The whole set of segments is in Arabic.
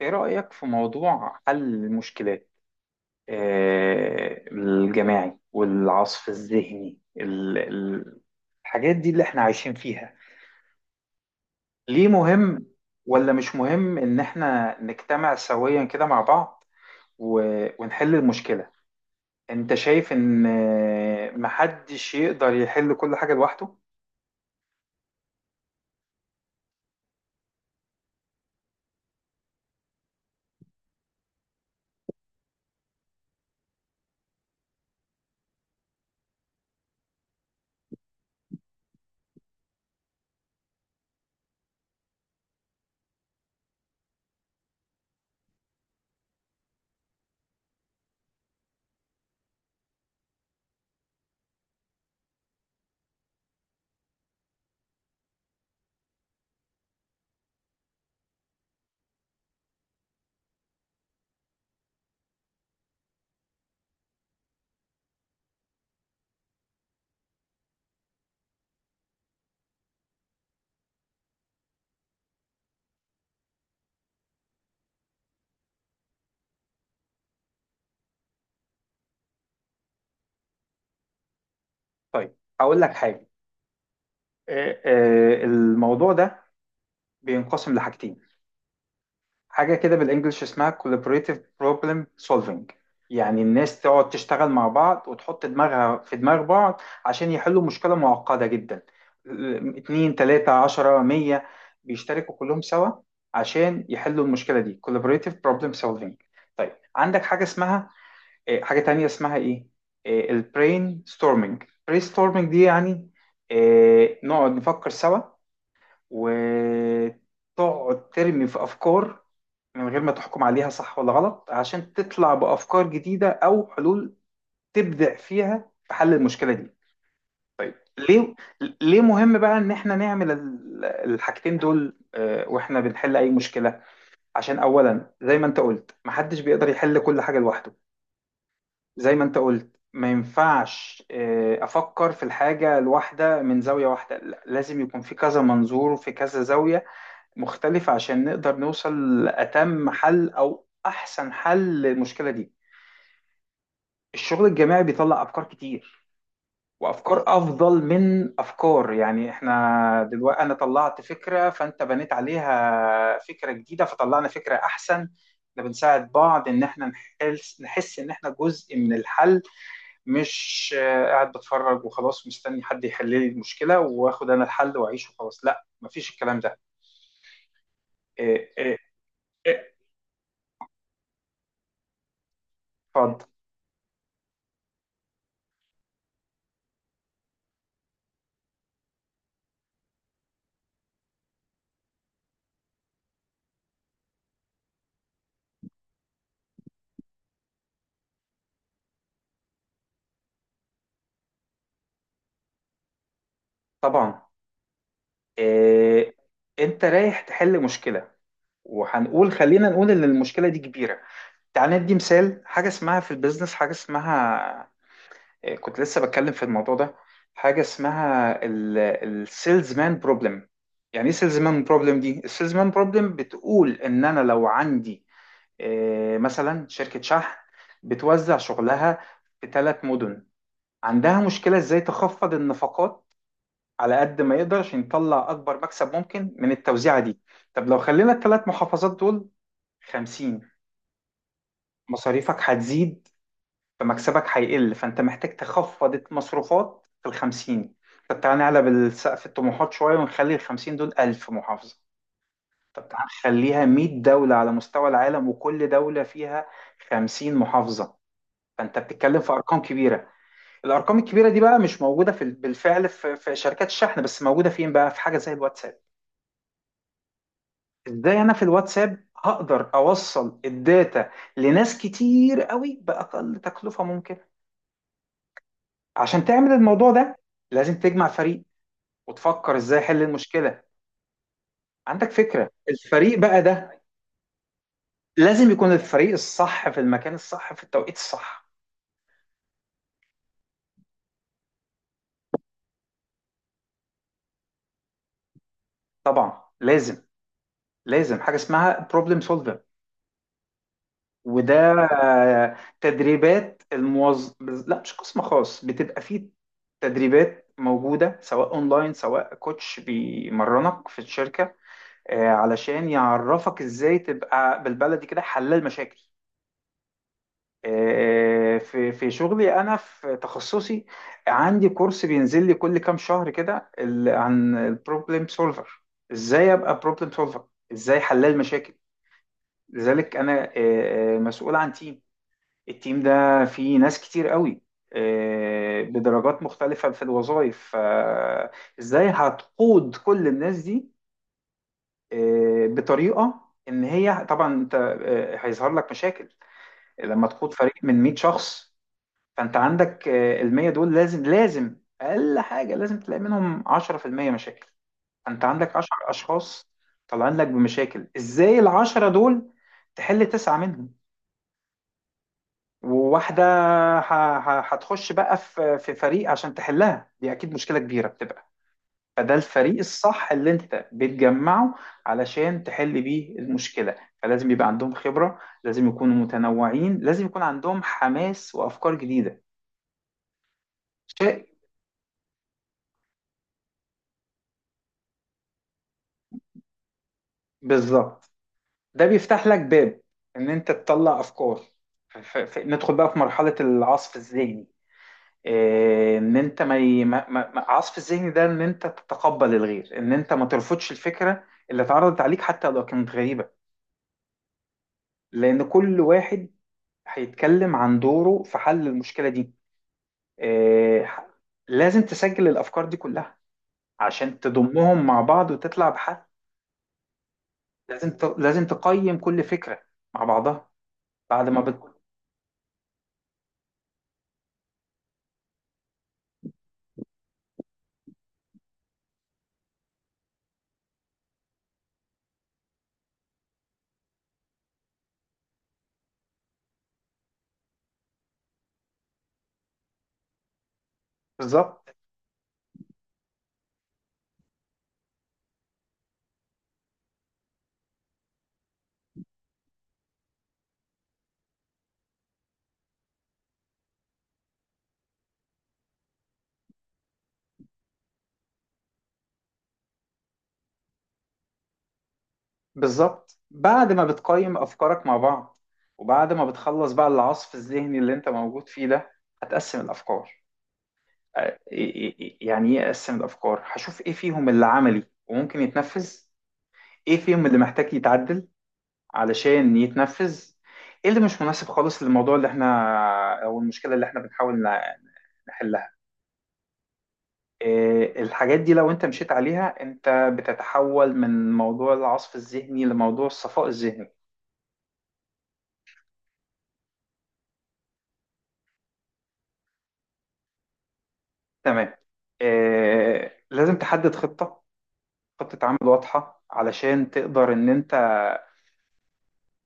ايه رأيك في موضوع حل المشكلات الجماعي والعصف الذهني الحاجات دي اللي احنا عايشين فيها. ليه مهم ولا مش مهم ان احنا نجتمع سويا كده مع بعض ونحل المشكلة؟ انت شايف ان محدش يقدر يحل كل حاجة لوحده. طيب هقول لك حاجة، الموضوع ده بينقسم لحاجتين. حاجة كده بالانجلش اسمها collaborative problem solving، يعني الناس تقعد تشتغل مع بعض وتحط دماغها في دماغ بعض عشان يحلوا مشكلة معقدة جدا. اتنين تلاتة عشرة مية بيشتركوا كلهم سوا عشان يحلوا المشكلة دي، collaborative problem solving. طيب عندك حاجة اسمها حاجة تانية، اسمها ايه؟ البرين ستورمينج. برين ستورمينج دي يعني نقعد نفكر سوا، وتقعد ترمي في أفكار من غير ما تحكم عليها صح ولا غلط، عشان تطلع بأفكار جديدة أو حلول تبدع فيها في حل المشكلة دي. طيب ليه؟ ليه مهم بقى إن إحنا نعمل الحاجتين دول وإحنا بنحل أي مشكلة؟ عشان أولا زي ما أنت قلت محدش بيقدر يحل كل حاجة لوحده، زي ما أنت قلت ما ينفعش أفكر في الحاجة الواحدة من زاوية واحدة، لا، لازم يكون في كذا منظور، في كذا زاوية مختلفة، عشان نقدر نوصل لأتم حل أو أحسن حل للمشكلة دي. الشغل الجماعي بيطلع أفكار كتير، وأفكار أفضل من أفكار، يعني إحنا دلوقتي أنا طلعت فكرة فأنت بنيت عليها فكرة جديدة فطلعنا فكرة أحسن. ده بنساعد بعض إن إحنا نحس إن إحنا جزء من الحل، مش قاعد بتفرج وخلاص مستني حد يحل لي المشكلة وآخد أنا الحل وأعيش وخلاص، لا مفيش الكلام ده. إيه. إيه، اتفضل. طبعا. إيه. انت رايح تحل مشكله، وهنقول خلينا نقول ان المشكله دي كبيره. تعال ندي مثال، حاجه اسمها في البيزنس حاجه اسمها إيه؟ كنت لسه بتكلم في الموضوع ده. حاجه اسمها السيلز مان بروبلم. يعني ايه سيلز مان بروبلم دي؟ السيلز مان بروبلم بتقول ان انا لو عندي إيه مثلا شركه شحن بتوزع شغلها في ثلاث مدن، عندها مشكله ازاي تخفض النفقات على قد ما يقدر عشان يطلع أكبر مكسب ممكن من التوزيعة دي. طب لو خلينا الثلاث محافظات دول 50، مصاريفك هتزيد فمكسبك هيقل، فأنت محتاج تخفض المصروفات في ال 50. طب تعالى نعلى بالسقف الطموحات شوية ونخلي ال 50 دول 1000 محافظة. طب تعالى نخليها 100 دولة على مستوى العالم وكل دولة فيها 50 محافظة، فأنت بتتكلم في أرقام كبيرة. الأرقام الكبيرة دي بقى مش موجودة في بالفعل في شركات الشحن، بس موجودة فين بقى؟ في حاجة زي الواتساب. ازاي انا في الواتساب هقدر اوصل الداتا لناس كتير قوي باقل تكلفه ممكن؟ عشان تعمل الموضوع ده لازم تجمع فريق وتفكر ازاي حل المشكله. عندك فكره الفريق بقى ده؟ لازم يكون الفريق الصح في المكان الصح في التوقيت الصح. طبعا لازم. لازم حاجه اسمها بروبلم سولفر، وده تدريبات الموظف، لا، مش قسم خاص بتبقى فيه، تدريبات موجودة سواء اونلاين سواء كوتش بيمرنك في الشركة، علشان يعرفك ازاي تبقى بالبلدي كده حلال مشاكل. في شغلي انا، في تخصصي، عندي كورس بينزل لي كل كام شهر كده عن البروبلم سولفر، ازاي ابقى بروبلم سولفر، ازاي حلال مشاكل. لذلك انا مسؤول عن تيم، التيم ده فيه ناس كتير قوي بدرجات مختلفة في الوظائف، فازاي هتقود كل الناس دي بطريقة ان هي؟ طبعا انت هيظهر لك مشاكل لما تقود فريق من 100 شخص، فانت عندك ال 100 دول لازم، لازم اقل حاجة لازم تلاقي منهم 10% مشاكل، فانت عندك 10 اشخاص طالعين لك بمشاكل. ازاي العشرة دول تحل تسعة منهم وواحدة ه- هتخش بقى في فريق عشان تحلها؟ دي أكيد مشكلة كبيرة بتبقى، فده الفريق الصح اللي أنت بتجمعه علشان تحل بيه المشكلة. فلازم يبقى عندهم خبرة، لازم يكونوا متنوعين، لازم يكون عندهم حماس وأفكار جديدة. شيء. بالظبط، ده بيفتح لك باب إن أنت تطلع أفكار. ندخل بقى في مرحلة العصف الذهني. إيه، ان انت ما ي- ما- ما- ما- عصف الذهن ده ان انت تتقبل الغير، ان انت ما ترفضش الفكره اللي اتعرضت عليك حتى لو كانت غريبه، لان كل واحد هيتكلم عن دوره في حل المشكله دي. إيه، ح- لازم تسجل الافكار دي كلها عشان تضمهم مع بعض وتطلع بحل. لازم لازم تقيم كل فكره مع بعضها. بعد ما بت... بالظبط بالظبط. بعد ما بتقيم أفكارك مع بعض وبعد ما بتخلص بقى العصف الذهني اللي أنت موجود فيه ده، هتقسم الأفكار. يعني إيه أقسم الأفكار؟ هشوف إيه فيهم اللي عملي وممكن يتنفذ، إيه فيهم اللي محتاج يتعدل علشان يتنفذ، إيه اللي مش مناسب خالص للموضوع اللي إحنا، أو المشكلة اللي إحنا نحلها. إيه، الحاجات دي لو أنت مشيت عليها أنت بتتحول من موضوع العصف الذهني لموضوع الصفاء الذهني. تمام. لازم تحدد خطة، خطة عمل واضحة علشان تقدر ان انت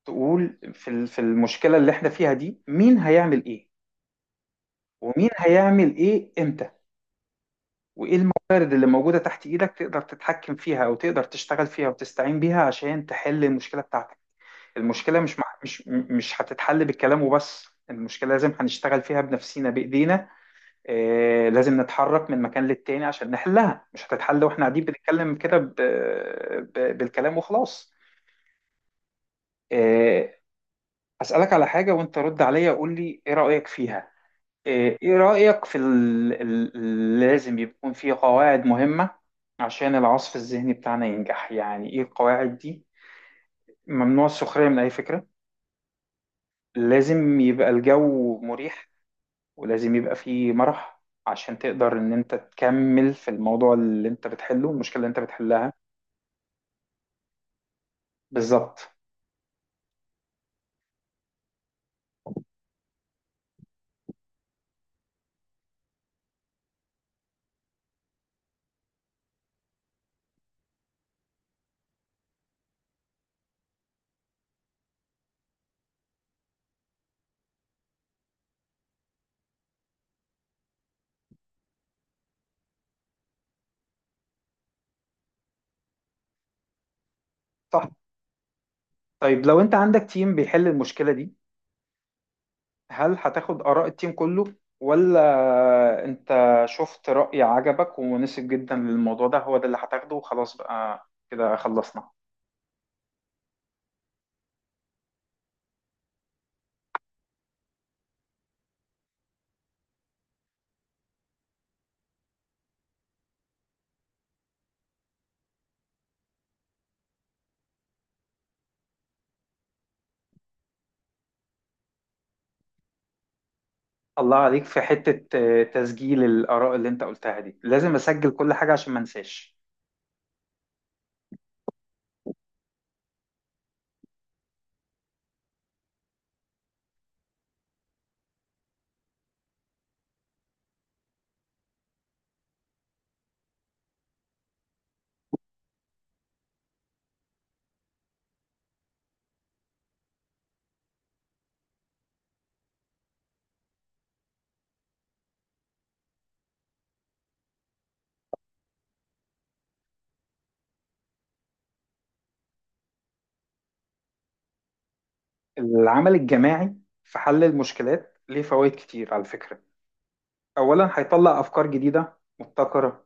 تقول في في المشكلة اللي احنا فيها دي مين هيعمل ايه، ومين هيعمل ايه امتى، وايه الموارد اللي موجودة تحت ايدك تقدر تتحكم فيها او تقدر تشتغل فيها وتستعين بيها عشان تحل المشكلة بتاعتك. المشكلة مش مع- مش مش هتتحل بالكلام وبس، المشكلة لازم هنشتغل فيها بنفسينا بإيدينا. لازم نتحرك من مكان للتاني عشان نحلها، مش هتتحل واحنا قاعدين بنتكلم كده بالكلام وخلاص. آه، أسألك على حاجة وانت رد عليا قول لي ايه رأيك فيها. ايه رأيك في لازم يكون في قواعد مهمة عشان العصف الذهني بتاعنا ينجح؟ يعني ايه القواعد دي؟ ممنوع السخرية من اي فكرة، لازم يبقى الجو مريح ولازم يبقى فيه مرح عشان تقدر ان انت تكمل في الموضوع اللي انت بتحله، المشكلة اللي انت بتحلها. بالظبط. صح. طيب لو انت عندك تيم بيحل المشكلة دي، هل هتاخد آراء التيم كله، ولا انت شفت رأي عجبك ومناسب جدا للموضوع ده هو ده اللي هتاخده وخلاص بقى كده خلصنا؟ الله عليك في حتة تسجيل الآراء اللي انت قلتها دي، لازم اسجل كل حاجة عشان ما انساش. العمل الجماعي في حل المشكلات ليه فوائد كتير على فكرة. اولا هيطلع افكار جديدة مبتكرة،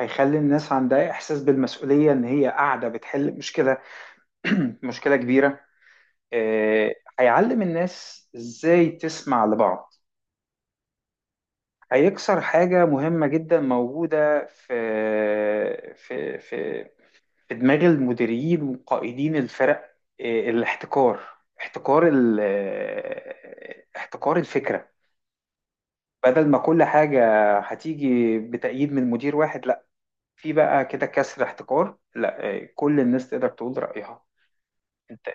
هيخلي الناس عندها احساس بالمسؤولية ان هي قاعدة بتحل مشكلة، مشكلة كبيرة. هيعلم الناس ازاي تسمع لبعض. هيكسر حاجة مهمة جدا موجودة في في في في دماغ المديرين وقائدين الفرق، الاحتكار، احتكار احتكار الفكرة. بدل ما كل حاجة هتيجي بتأييد من مدير واحد، لا، في بقى كده كسر احتكار، لا كل الناس تقدر تقول رأيها. انت.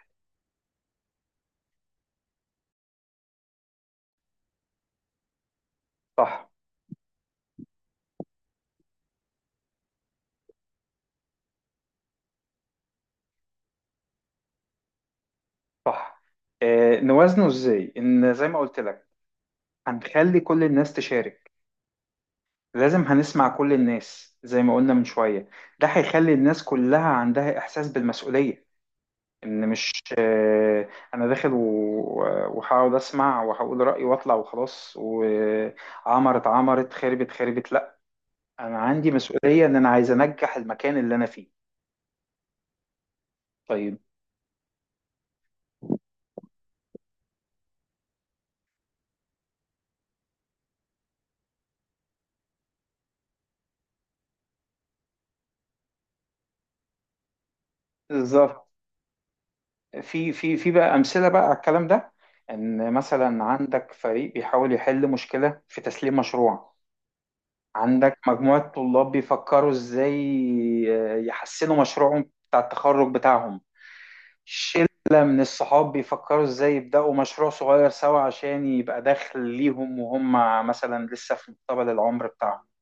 صح. صح. نوازنه ازاي؟ ان زي ما قلت لك هنخلي كل الناس تشارك، لازم هنسمع كل الناس زي ما قلنا من شوية. ده هيخلي الناس كلها عندها احساس بالمسؤولية، ان مش انا داخل وهقعد اسمع وهقول رأيي واطلع وخلاص، وعمرت عمرت خربت خربت لا، انا عندي مسؤولية ان انا عايز انجح المكان اللي انا فيه. طيب. بالظبط. في في في بقى امثله بقى على الكلام ده، ان مثلا عندك فريق بيحاول يحل مشكله في تسليم مشروع، عندك مجموعه طلاب بيفكروا ازاي يحسنوا مشروعهم بتاع التخرج بتاعهم، شله من الصحاب بيفكروا ازاي يبداوا مشروع صغير سوا عشان يبقى دخل ليهم وهم مثلا لسه في مقتبل العمر بتاعهم.